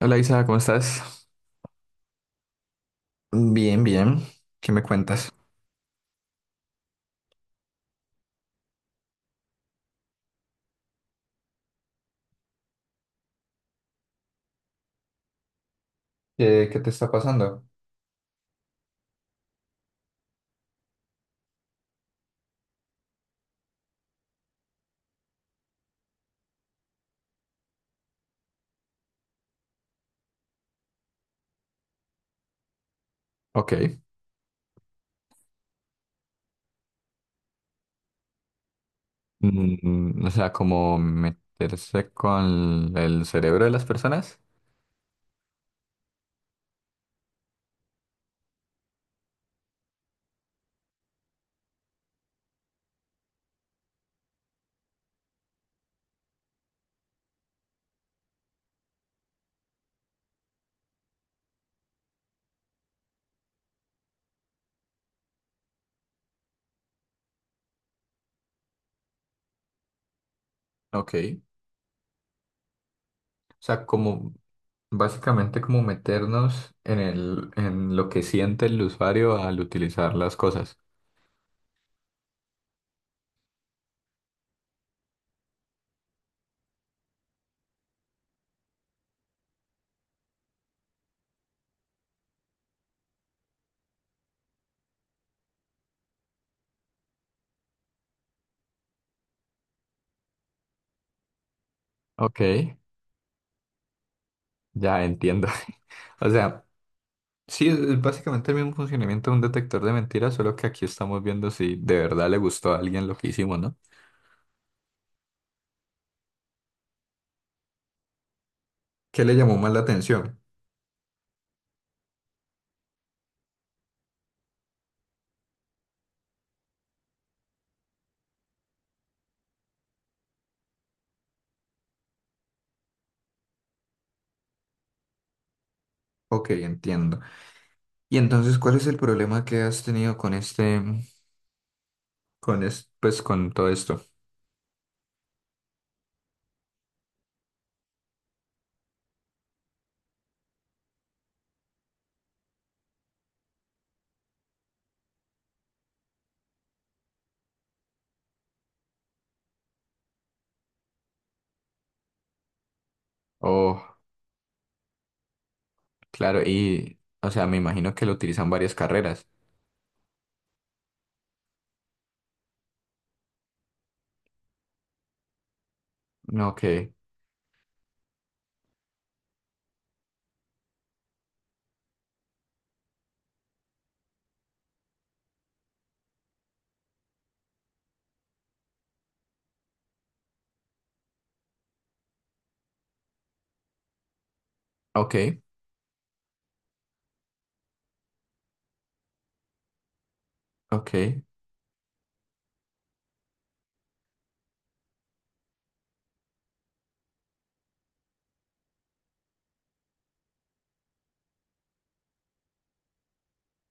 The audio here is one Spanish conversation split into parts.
Hola Isa, ¿cómo estás? Bien, bien. ¿Qué me cuentas? ¿Qué te está pasando? Ok. Mm, o sea, como meterse con el cerebro de las personas. Ok. O sea, como básicamente como meternos en lo que siente el usuario al utilizar las cosas. Ok, ya entiendo. O sea, sí, es básicamente el mismo funcionamiento de un detector de mentiras, solo que aquí estamos viendo si de verdad le gustó a alguien lo que hicimos, ¿no? ¿Qué le llamó más la atención? Ok, entiendo. Y entonces, ¿cuál es el problema que has tenido con este, pues con todo esto? Oh, claro, y, o sea, me imagino que lo utilizan varias carreras. Ok, ok, ok.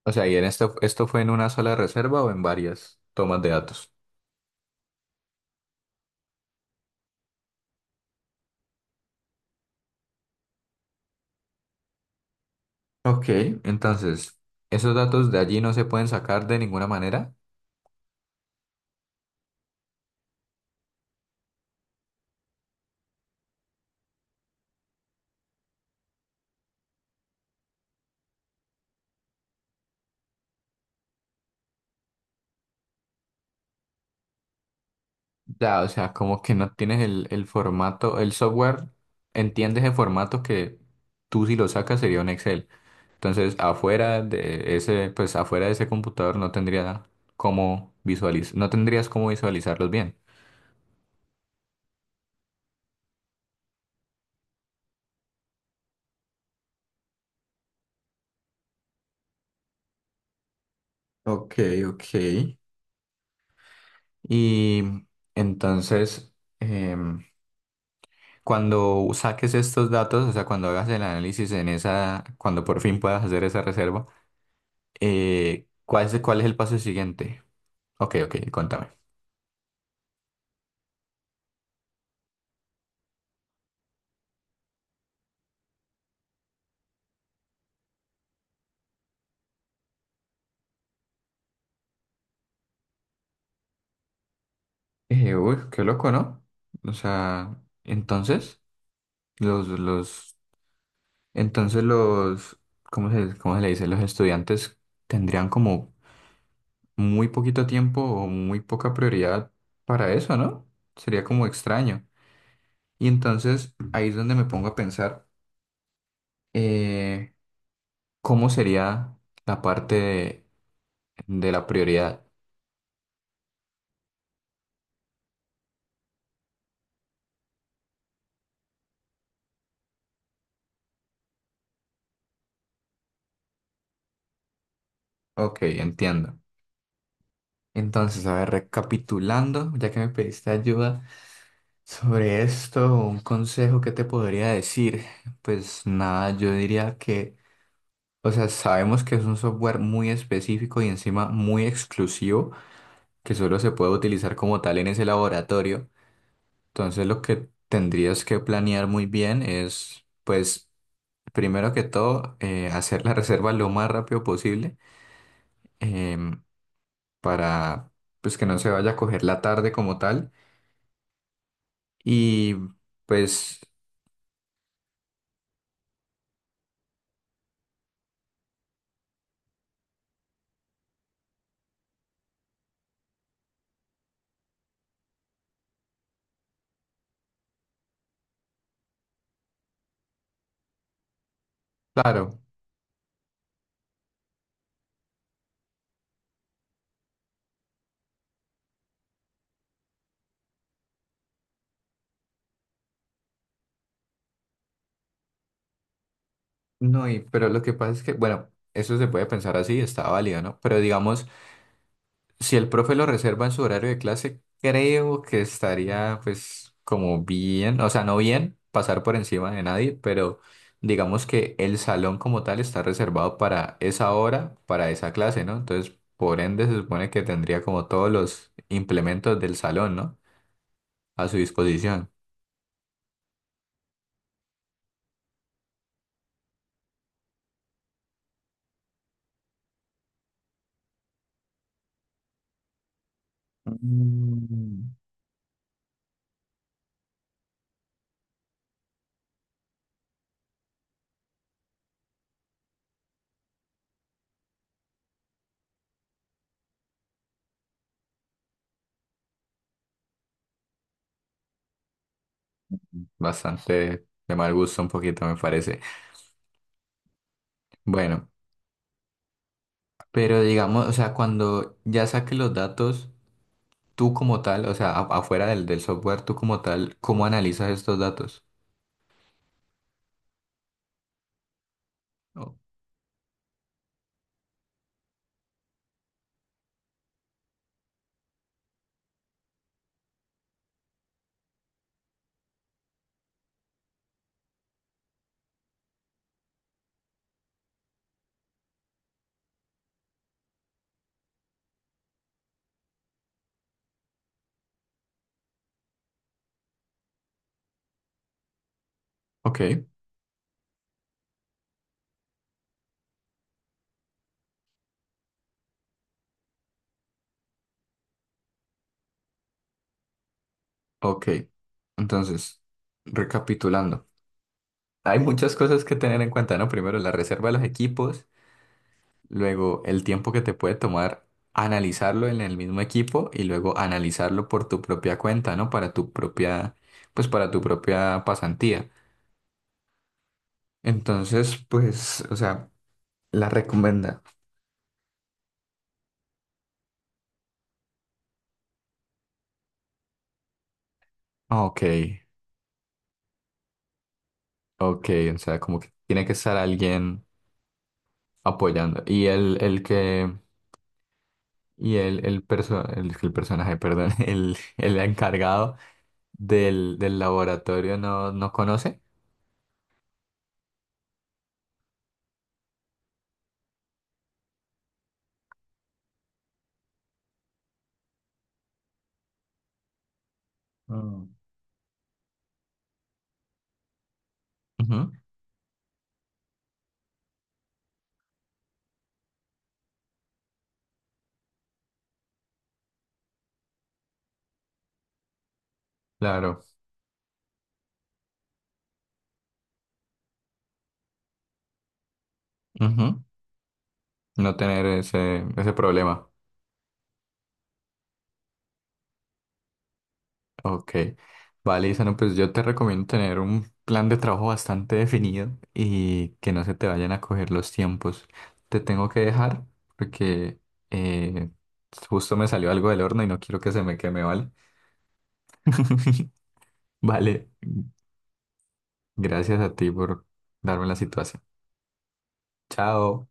O sea, ¿y en esto, esto fue en una sola reserva o en varias tomas de datos? Ok, entonces, ¿esos datos de allí no se pueden sacar de ninguna manera? Ya, o sea, como que no tienes el formato, el software entiende ese formato que tú si lo sacas sería un Excel. Entonces, pues afuera de ese computador no tendría cómo visualiz no tendrías cómo visualizarlos bien. Ok, ok. Y entonces, em, cuando saques estos datos, o sea, cuando hagas el análisis en esa, cuando por fin puedas hacer esa reserva, ¿cuál es el paso siguiente? Ok, ok, contame. Uy, qué loco, ¿no? O sea, entonces, los, los, entonces los, ¿cómo se le dice? Los estudiantes tendrían como muy poquito tiempo o muy poca prioridad para eso, ¿no? Sería como extraño. Y entonces ahí es donde me pongo a pensar eh, cómo sería la parte de, de la prioridad. Ok, entiendo. Entonces, a ver, recapitulando, ya que me pediste ayuda sobre esto, un consejo que te podría decir, pues nada, yo diría que, o sea, sabemos que es un software muy específico y encima muy exclusivo, que solo se puede utilizar como tal en ese laboratorio. Entonces, lo que tendrías que planear muy bien es, pues, primero que todo, hacer la reserva lo más rápido posible, em, para, pues, que no se vaya a coger la tarde como tal y, pues, claro. No, y, pero lo que pasa es que, bueno, eso se puede pensar así, está válido, ¿no? Pero digamos, si el profe lo reserva en su horario de clase, creo que estaría, pues, como bien, o sea, no bien pasar por encima de nadie, pero digamos que el salón como tal está reservado para esa hora, para esa clase, ¿no? Entonces, por ende, se supone que tendría como todos los implementos del salón, ¿no? A su disposición. Mm. Bastante de mal gusto un poquito, me parece. Bueno. Pero digamos, o sea, cuando ya saques los datos, tú como tal, o sea, afuera del software, tú como tal, ¿cómo analizas estos datos? Oh. Ok, ok. Entonces, recapitulando, hay muchas cosas que tener en cuenta, ¿no? Primero, la reserva de los equipos, luego el tiempo que te puede tomar analizarlo en el mismo equipo y luego analizarlo por tu propia cuenta, ¿no? Para tu propia, pues para tu propia pasantía. Entonces, pues, o sea, la recomienda. Ok. Ok, o sea, como que tiene que estar alguien apoyando. Y el personaje, perdón, el encargado del laboratorio no, no conoce. Mm. Ujú. Claro, ujú. No tener ese, ese problema. Ok, vale, Isano, pues yo te recomiendo tener un plan de trabajo bastante definido y que no se te vayan a coger los tiempos. Te tengo que dejar porque eh, justo me salió algo del horno y no quiero que se me queme, ¿vale? Vale, gracias a ti por darme la situación. Chao.